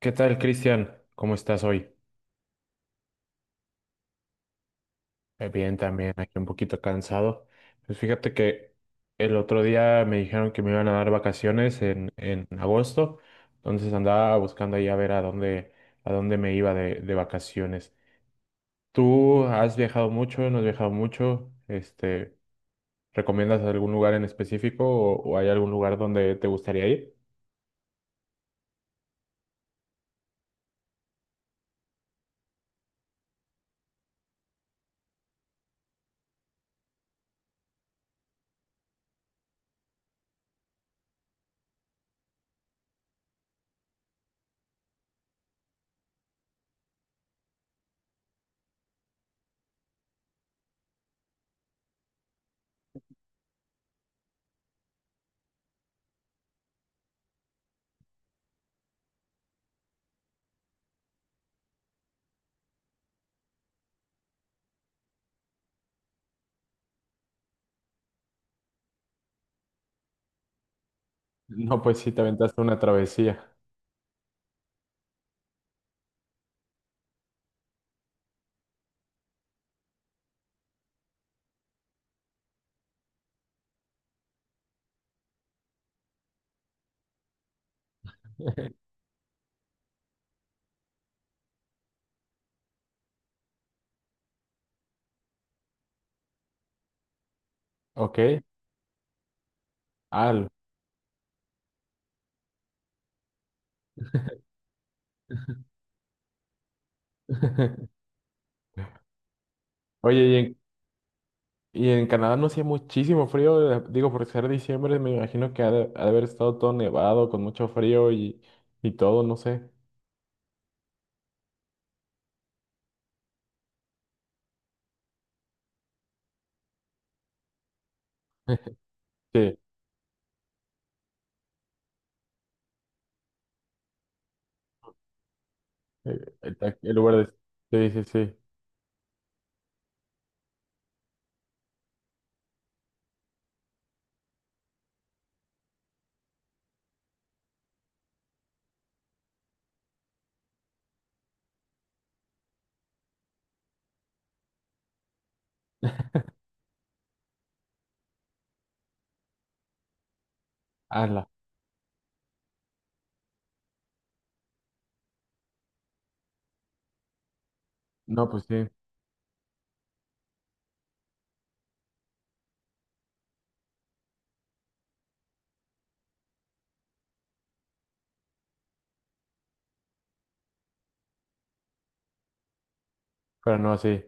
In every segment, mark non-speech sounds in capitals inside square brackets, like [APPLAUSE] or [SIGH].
¿Qué tal, Cristian? ¿Cómo estás hoy? Bien, también aquí un poquito cansado. Pues fíjate que el otro día me dijeron que me iban a dar vacaciones en agosto, entonces andaba buscando ahí a ver a dónde me iba de vacaciones. ¿Tú has viajado mucho? ¿No has viajado mucho? Este, ¿recomiendas algún lugar en específico o hay algún lugar donde te gustaría ir? No, pues sí, te aventaste una travesía. [LAUGHS] Ok. Al. [LAUGHS] Oye, ¿Y en Canadá no hacía muchísimo frío? Digo, por ser diciembre, me imagino que ha de haber estado todo nevado, con mucho frío y todo, no sé. [LAUGHS] Sí, el lugar de... Sí, sí, sí. Hazla. No, pues sí, pero no así.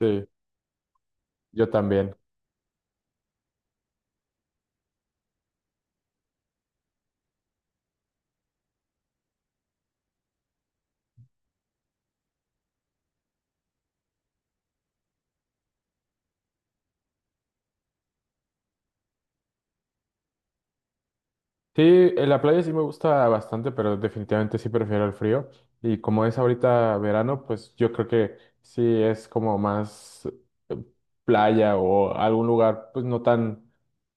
Sí, yo también. Sí, en la playa sí me gusta bastante, pero definitivamente sí prefiero el frío. Y como es ahorita verano, pues yo creo que sí es como más eh, playa o algún lugar, pues no tan...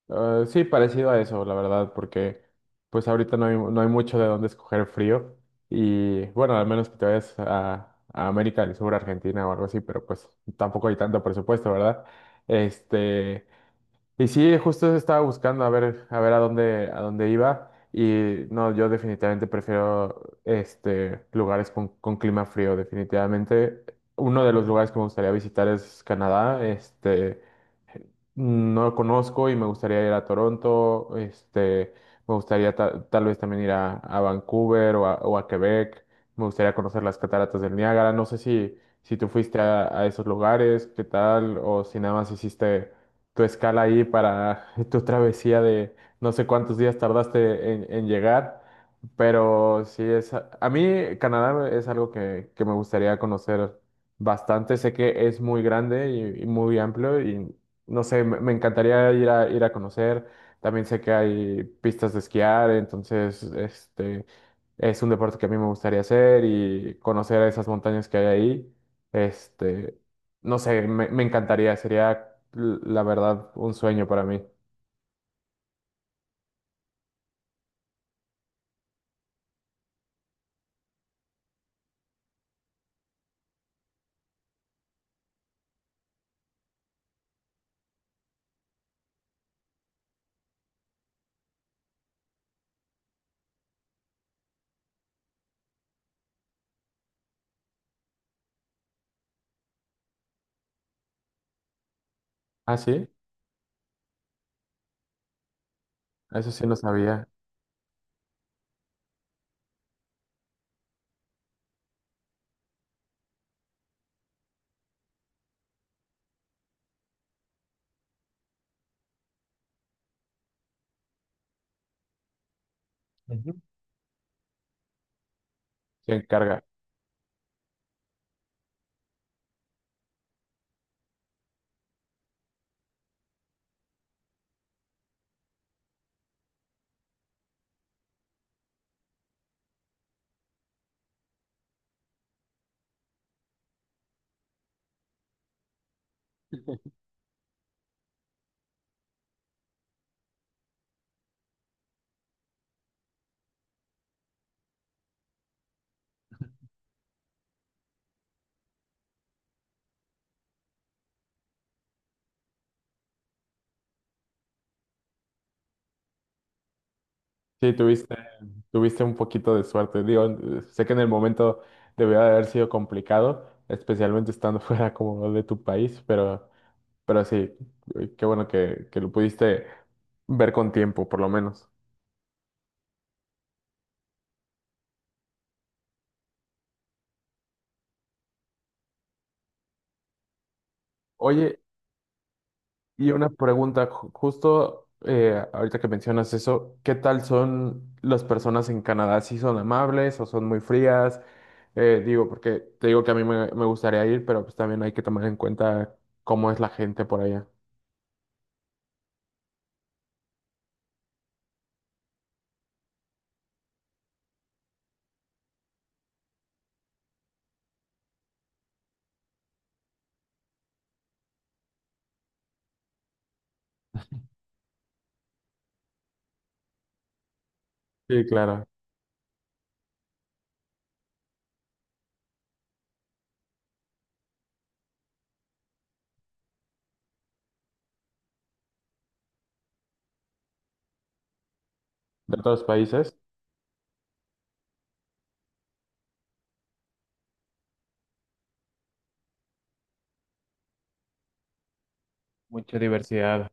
Sí, parecido a eso, la verdad, porque pues ahorita no hay mucho de dónde escoger frío. Y bueno, al menos que te vayas a América del Sur, Argentina o algo así, pero pues tampoco hay tanto presupuesto, ¿verdad? Este, y sí, justo estaba buscando a ver, a ver a dónde iba. Y no, yo definitivamente prefiero este, lugares con clima frío, definitivamente. Uno de los lugares que me gustaría visitar es Canadá, este... No lo conozco y me gustaría ir a Toronto, este, me gustaría tal vez también ir a Vancouver o a Quebec, me gustaría conocer las cataratas del Niágara, no sé si, si tú fuiste a esos lugares, qué tal, o si nada más hiciste tu escala ahí para [LAUGHS] tu travesía de no sé cuántos días tardaste en llegar, pero sí es, a mí Canadá es algo que me gustaría conocer bastante. Sé que es muy grande y muy amplio y no sé, me encantaría ir a, ir a conocer. También sé que hay pistas de esquiar, entonces este es un deporte que a mí me gustaría hacer y conocer esas montañas que hay ahí. Este, no sé, me encantaría, sería la verdad un sueño para mí. Ah, sí, eso sí no sabía. Ujú. Se encarga. Sí, tuviste, tuviste un poquito de suerte. Digo, sé que en el momento debió de haber sido complicado, especialmente estando [LAUGHS] fuera como de tu país, pero... Pero sí, qué bueno que lo pudiste ver con tiempo, por lo menos. Oye, y una pregunta, justo ahorita que mencionas eso, ¿qué tal son las personas en Canadá? ¿Sí son amables o son muy frías? Digo, porque te digo que a mí me, me gustaría ir, pero pues también hay que tomar en cuenta cómo es la gente por allá. Sí, claro, de todos los países. Mucha diversidad.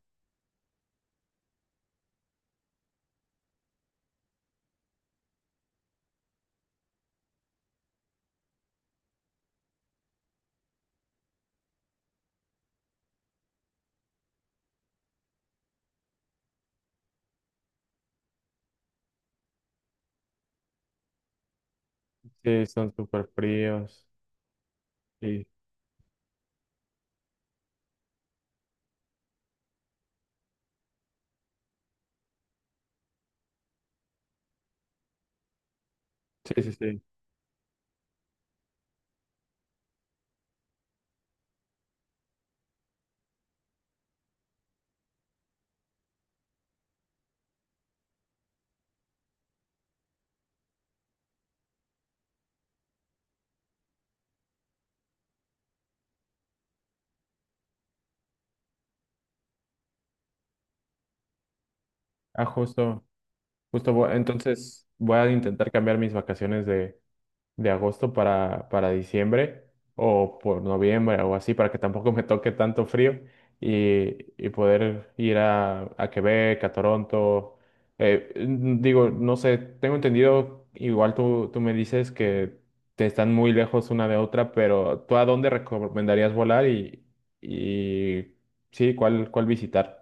Sí, son súper fríos. Sí, sí, sí, sí. Ah, justo. Justo, entonces voy a intentar cambiar mis vacaciones de agosto para diciembre o por noviembre o así, para que tampoco me toque tanto frío y poder ir a Quebec, a Toronto. Digo, no sé, tengo entendido, igual tú, tú me dices que te están muy lejos una de otra, pero ¿tú a dónde recomendarías volar y sí, cuál, cuál visitar?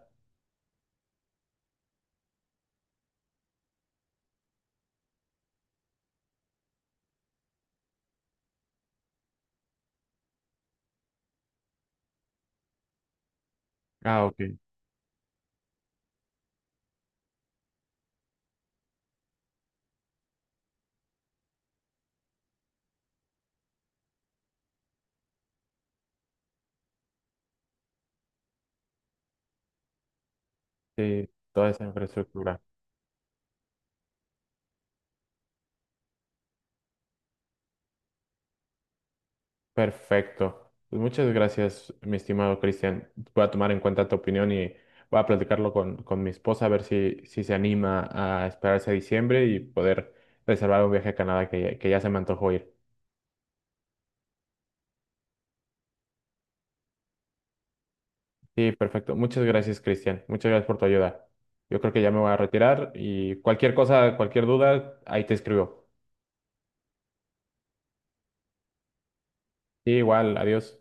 Ah, ok. Sí, toda esa infraestructura. Perfecto. Pues muchas gracias, mi estimado Cristian. Voy a tomar en cuenta tu opinión y voy a platicarlo con mi esposa a ver si, si se anima a esperarse a diciembre y poder reservar un viaje a Canadá que ya se me antojó ir. Sí, perfecto. Muchas gracias, Cristian. Muchas gracias por tu ayuda. Yo creo que ya me voy a retirar y cualquier cosa, cualquier duda, ahí te escribo. Sí, igual, adiós.